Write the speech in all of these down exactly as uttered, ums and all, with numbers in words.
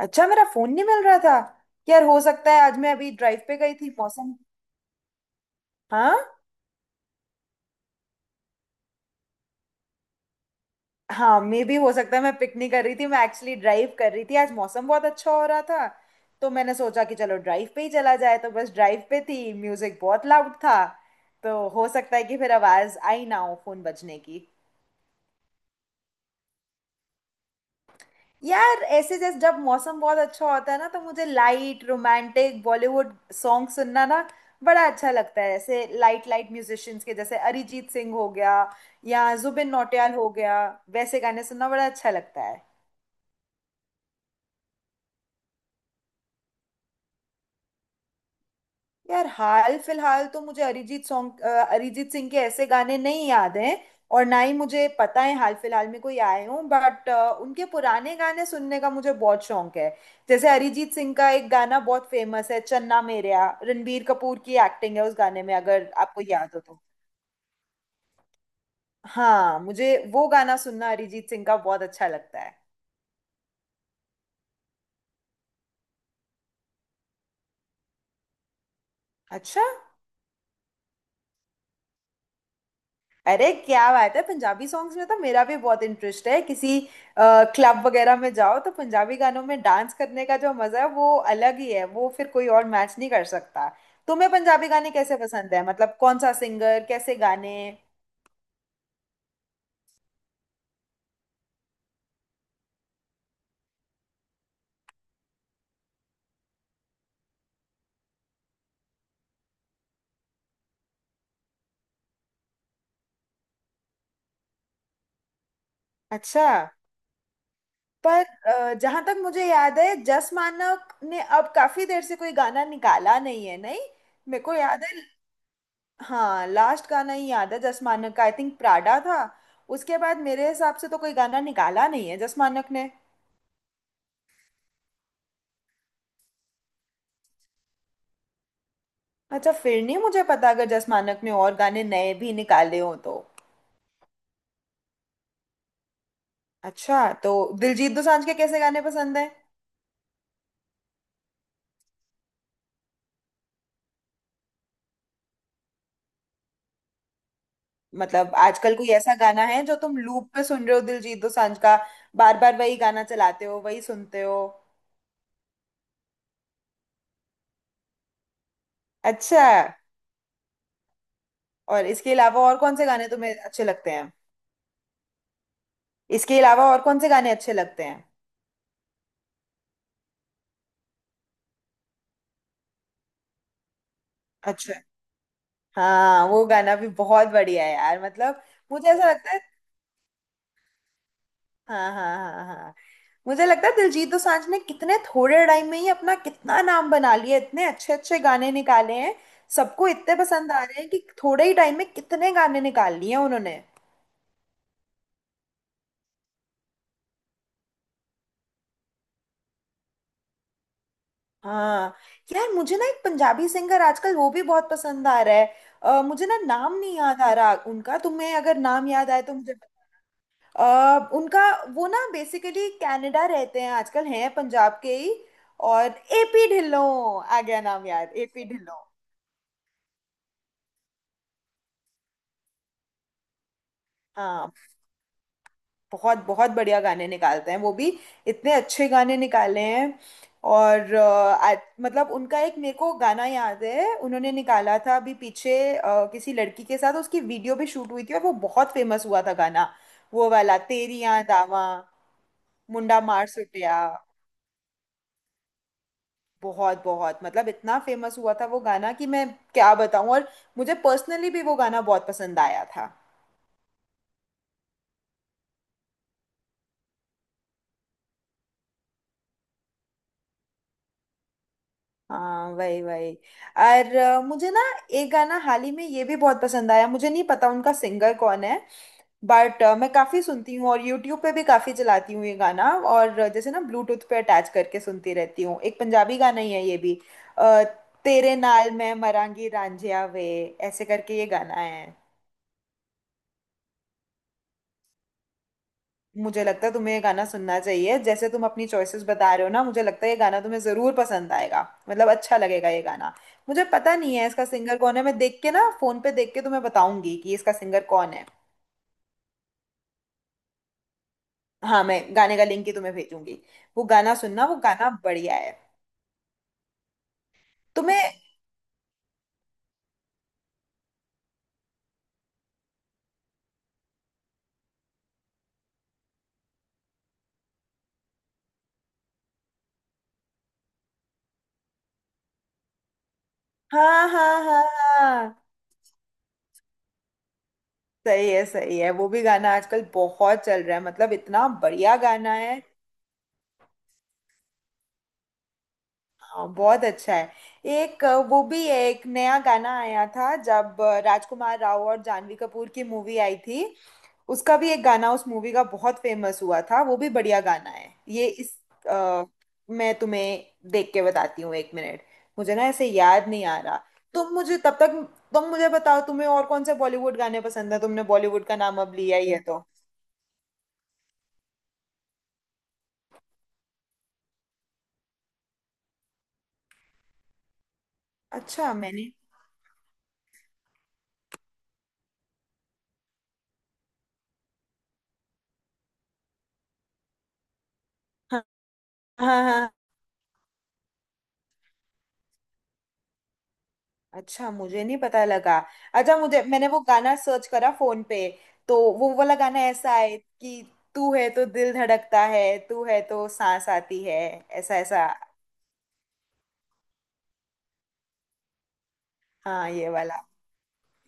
अच्छा, मेरा फोन नहीं मिल रहा था। यार हो सकता है आज मैं अभी ड्राइव पे गई थी। मौसम हाँ। हाँ मे भी हो सकता है, मैं पिक नहीं कर रही थी। मैं एक्चुअली ड्राइव कर रही थी, आज मौसम बहुत अच्छा हो रहा था। तो मैंने सोचा कि चलो ड्राइव पे ही चला जाए, तो बस ड्राइव पे थी, म्यूजिक बहुत लाउड था। तो हो सकता है कि फिर आवाज आई ना हो फोन बजने की। यार ऐसे जैसे जब मौसम बहुत अच्छा होता है ना, तो मुझे लाइट रोमांटिक बॉलीवुड सॉन्ग सुनना ना बड़ा अच्छा लगता है। ऐसे लाइट लाइट म्यूजिशियंस के जैसे अरिजीत सिंह हो गया या जुबिन नौटियाल हो गया। वैसे गाने सुनना बड़ा अच्छा लगता है। यार हाल फिलहाल तो मुझे अरिजीत सॉन्ग अ, अरिजीत सिंह के ऐसे गाने नहीं याद हैं। और ना ही मुझे पता है हाल फिलहाल में कोई आए हों, बट उनके पुराने गाने सुनने का मुझे बहुत शौक है। जैसे अरिजीत सिंह का एक गाना बहुत फेमस है, चन्ना मेरेया, रणबीर कपूर की एक्टिंग है उस गाने में, अगर आपको याद हो तो। हाँ मुझे वो गाना सुनना अरिजीत सिंह का बहुत अच्छा लगता है। अच्छा। अरे क्या बात है, पंजाबी सॉन्ग्स में तो मेरा भी बहुत इंटरेस्ट है। किसी क्लब वगैरह में जाओ तो पंजाबी गानों में डांस करने का जो मजा है वो अलग ही है, वो फिर कोई और मैच नहीं कर सकता। तुम्हें पंजाबी गाने कैसे पसंद है, मतलब कौन सा सिंगर, कैसे गाने? अच्छा। पर जहां तक मुझे याद है, जस मानक ने अब काफी देर से कोई गाना निकाला नहीं है। नहीं मेरे को याद है। हाँ लास्ट गाना ही याद है जस मानक का, आई थिंक प्राडा था। उसके बाद मेरे हिसाब से तो कोई गाना निकाला नहीं है जस मानक ने। अच्छा, फिर नहीं मुझे पता, अगर जस मानक ने और गाने नए भी निकाले हो तो। अच्छा तो दिलजीत दोसांझ के कैसे गाने पसंद है? मतलब आजकल कोई ऐसा गाना है जो तुम लूप पे सुन रहे हो दिलजीत दोसांझ का, बार बार वही गाना चलाते हो, वही सुनते हो? अच्छा। और इसके अलावा और कौन से गाने तुम्हें अच्छे लगते हैं? इसके अलावा और कौन से गाने अच्छे लगते हैं? अच्छा। हाँ वो गाना भी बहुत बढ़िया है यार, मतलब मुझे ऐसा लगता है। हाँ हाँ हाँ हाँ। मुझे लगता है दिलजीत दोसांझ ने कितने थोड़े टाइम में ही अपना कितना नाम बना लिया, इतने अच्छे अच्छे गाने निकाले हैं, सबको इतने पसंद आ रहे हैं कि थोड़े ही टाइम में कितने गाने निकाल लिए हैं उन्होंने। हाँ यार, मुझे ना एक पंजाबी सिंगर आजकल वो भी बहुत पसंद आ रहा है। अ, मुझे ना नाम नहीं याद आ रहा उनका, तुम्हें अगर नाम याद आए तो मुझे। अ, उनका वो ना बेसिकली कनाडा रहते हैं आजकल, हैं पंजाब के ही। और एपी ढिल्लों, आ गया नाम याद, एपी ढिल्लों। हाँ बहुत बहुत बढ़िया गाने निकालते हैं वो भी, इतने अच्छे गाने निकाले हैं। और अ, आ, मतलब उनका एक मेरे को गाना याद है, उन्होंने निकाला था अभी पीछे, अ, किसी लड़की के साथ उसकी वीडियो भी शूट हुई थी और वो बहुत फेमस हुआ था गाना। वो वाला तेरी याद आवा, मुंडा मार सुटिया, बहुत बहुत मतलब इतना फेमस हुआ था वो गाना कि मैं क्या बताऊं। और मुझे पर्सनली भी वो गाना बहुत पसंद आया था। हाँ वही वही। और अ, मुझे ना एक गाना हाल ही में ये भी बहुत पसंद आया। मुझे नहीं पता उनका सिंगर कौन है, बट मैं काफी सुनती हूँ और यूट्यूब पे भी काफी चलाती हूँ ये गाना, और अ, जैसे ना ब्लूटूथ पे अटैच करके सुनती रहती हूँ। एक पंजाबी गाना ही है ये भी। अ, तेरे नाल मैं मरांगी रांझिया वे, ऐसे करके ये गाना है। मुझे लगता है तुम्हें ये गाना सुनना चाहिए, जैसे तुम अपनी चॉइसेस बता रहे हो ना, मुझे लगता है ये गाना तुम्हें जरूर पसंद आएगा, मतलब अच्छा लगेगा ये गाना। मुझे पता नहीं है इसका सिंगर कौन है, मैं देख के ना फोन पे देख के तुम्हें बताऊंगी कि इसका सिंगर कौन है। हाँ मैं गाने का लिंक ही तुम्हें भेजूंगी। वो गाना सुनना, वो गाना बढ़िया है। तुम्हें। हाँ हाँ हाँ हाँ। सही है सही है, वो भी गाना आजकल बहुत चल रहा है, मतलब इतना बढ़िया गाना है। हाँ बहुत अच्छा है। एक अ, वो भी है, एक नया गाना आया था जब अ, राजकुमार राव और जानवी कपूर की मूवी आई थी, उसका भी एक गाना उस मूवी का बहुत फेमस हुआ था, वो भी बढ़िया गाना है ये इस। अ, मैं तुम्हें देख के बताती हूँ एक मिनट। मुझे ना ऐसे याद नहीं आ रहा। तुम मुझे तब तक, तुम मुझे बताओ तुम्हें और कौन से बॉलीवुड गाने पसंद है, तुमने बॉलीवुड का नाम अब लिया ही है तो। अच्छा, मैंने। हाँ हाँ हाँ। अच्छा, मुझे नहीं पता लगा। अच्छा, मुझे मैंने वो गाना सर्च करा फोन पे, तो वो वाला गाना ऐसा है कि तू है तो दिल धड़कता है, तू है तो सांस आती है, ऐसा ऐसा। हाँ ये वाला,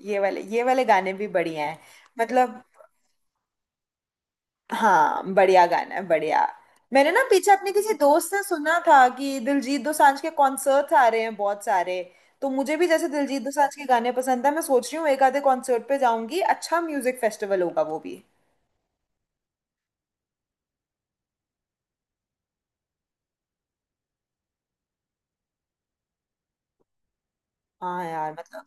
ये वाले ये वाले गाने भी बढ़िया हैं। मतलब हाँ बढ़िया गाना है, बढ़िया। मैंने ना पीछे अपने किसी दोस्त से सुना था कि दिलजीत दोसांझ के कॉन्सर्ट्स आ रहे हैं बहुत सारे। तो मुझे भी, जैसे दिलजीत दोसांझ के गाने पसंद है, मैं सोच रही हूँ एक आधे कॉन्सर्ट पे जाऊंगी, अच्छा म्यूजिक फेस्टिवल होगा वो भी। हाँ यार मतलब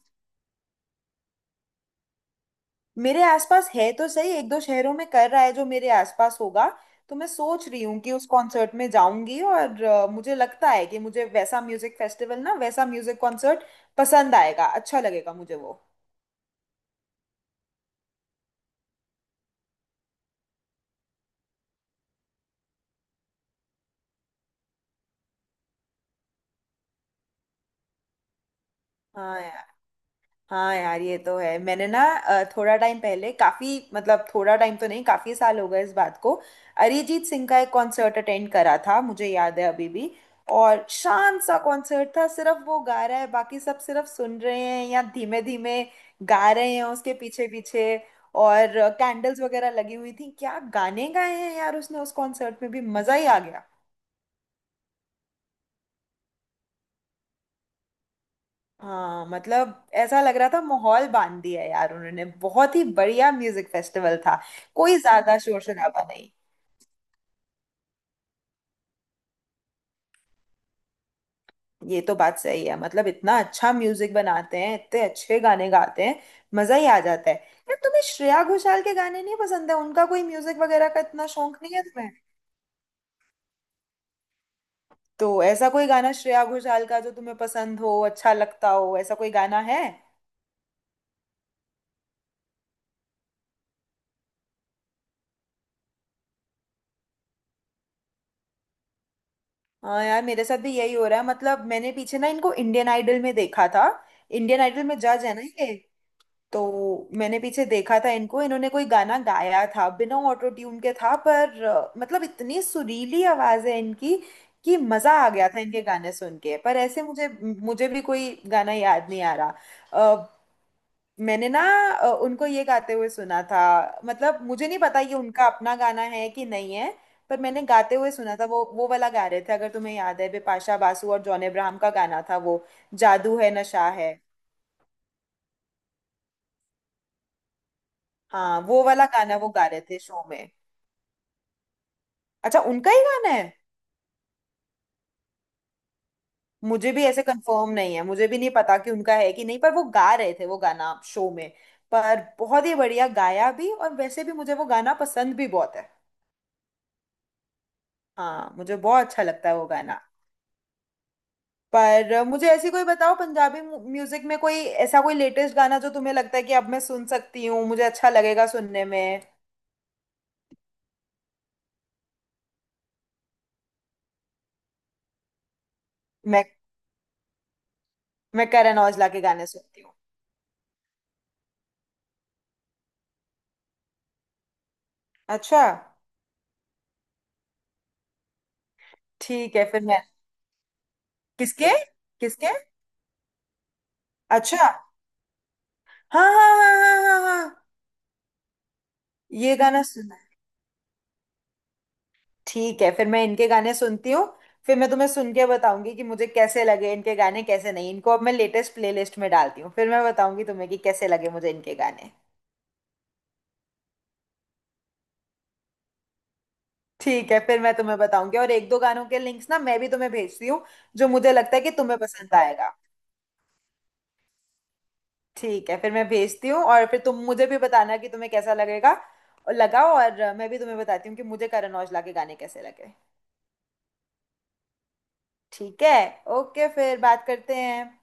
मेरे आसपास है तो सही, एक दो शहरों में कर रहा है, जो मेरे आसपास होगा तो मैं सोच रही हूँ कि उस कॉन्सर्ट में जाऊंगी। और अ, मुझे लगता है कि मुझे वैसा म्यूजिक फेस्टिवल ना, वैसा म्यूजिक कॉन्सर्ट पसंद आएगा, अच्छा लगेगा मुझे वो। हाँ। हाँ यार ये तो है। मैंने ना अ, थोड़ा टाइम पहले, काफी मतलब थोड़ा टाइम तो नहीं, काफी साल हो गए इस बात को, अरिजीत सिंह का एक कॉन्सर्ट अटेंड करा था, मुझे याद है अभी भी। और शांत सा कॉन्सर्ट था, सिर्फ वो गा रहा है, बाकी सब सिर्फ सुन रहे हैं या धीमे धीमे गा रहे हैं उसके पीछे पीछे। और कैंडल्स वगैरह लगी हुई थी, क्या गाने गाए हैं यार उसने उस कॉन्सर्ट में, भी मजा ही आ गया। हाँ मतलब ऐसा लग रहा था माहौल बांध दिया है यार उन्होंने, बहुत ही बढ़िया म्यूजिक फेस्टिवल था। कोई ज्यादा शोर शराबा नहीं। ये तो बात सही है, मतलब इतना अच्छा म्यूजिक बनाते हैं, इतने अच्छे गाने गाते हैं, मजा ही आ जाता है। यार तुम्हें श्रेया घोषाल के गाने नहीं पसंद है? उनका कोई म्यूजिक वगैरह का इतना शौक नहीं है तुम्हें? तो ऐसा कोई गाना श्रेया घोषाल का जो तुम्हें पसंद हो, अच्छा लगता हो, ऐसा कोई गाना है? हाँ यार मेरे साथ भी यही हो रहा है। मतलब मैंने पीछे ना इनको इंडियन आइडल में देखा था। इंडियन आइडल में जज है ना ये, तो मैंने पीछे देखा था इनको। इन्होंने कोई गाना गाया था बिना ऑटो ट्यून के था, पर अ, मतलब इतनी सुरीली आवाज है इनकी कि मजा आ गया था इनके गाने सुन के। पर ऐसे मुझे मुझे भी कोई गाना याद नहीं आ रहा। अ, मैंने ना अ, उनको ये गाते हुए सुना था, मतलब मुझे नहीं पता ये उनका अपना गाना है कि नहीं है। पर मैंने गाते हुए सुना था। वो वो वाला गा रहे थे, अगर तुम्हें याद है, बिपाशा बासु और जॉन अब्राहम का गाना था वो, जादू है नशा है। हाँ वो वाला गाना वो गा रहे थे शो में। अच्छा, उनका ही गाना है। मुझे भी ऐसे कंफर्म नहीं है, मुझे भी नहीं पता कि उनका है कि नहीं, पर वो गा रहे थे वो गाना शो में। पर बहुत ही बढ़िया गाया भी, और वैसे भी मुझे वो गाना पसंद भी बहुत है। हाँ मुझे बहुत अच्छा लगता है वो गाना। पर अ, मुझे ऐसी कोई बताओ पंजाबी म्यू- म्यूजिक में कोई, ऐसा कोई लेटेस्ट गाना जो तुम्हें लगता है कि अब मैं सुन सकती हूँ, मुझे अच्छा लगेगा सुनने में। मैं मैं करण औजला के गाने सुनती हूँ। अच्छा ठीक है, फिर मैं। किसके? किसके? अच्छा। हाँ हाँ हाँ हाँ हाँ हाँ। ये गाना। ठीक है फिर मैं इनके गाने सुनती हूँ। फिर मैं तुम्हें सुन के बताऊंगी कि मुझे कैसे लगे इनके गाने, कैसे नहीं। इनको अब मैं लेटेस्ट प्लेलिस्ट में डालती हूँ, फिर मैं बताऊंगी तुम्हें कि कैसे लगे मुझे इनके गाने। ठीक है फिर मैं तुम्हें बताऊंगी, और एक दो गानों के लिंक्स ना मैं भी तुम्हें भेजती हूँ जो मुझे लगता है कि तुम्हें पसंद आएगा। ठीक है फिर मैं भेजती हूँ, और फिर तुम मुझे भी बताना कि तुम्हें कैसा लगेगा और लगा, और मैं भी तुम्हें बताती हूँ कि मुझे करण औजला के गाने कैसे लगे। ठीक है। ओके फिर बात करते हैं।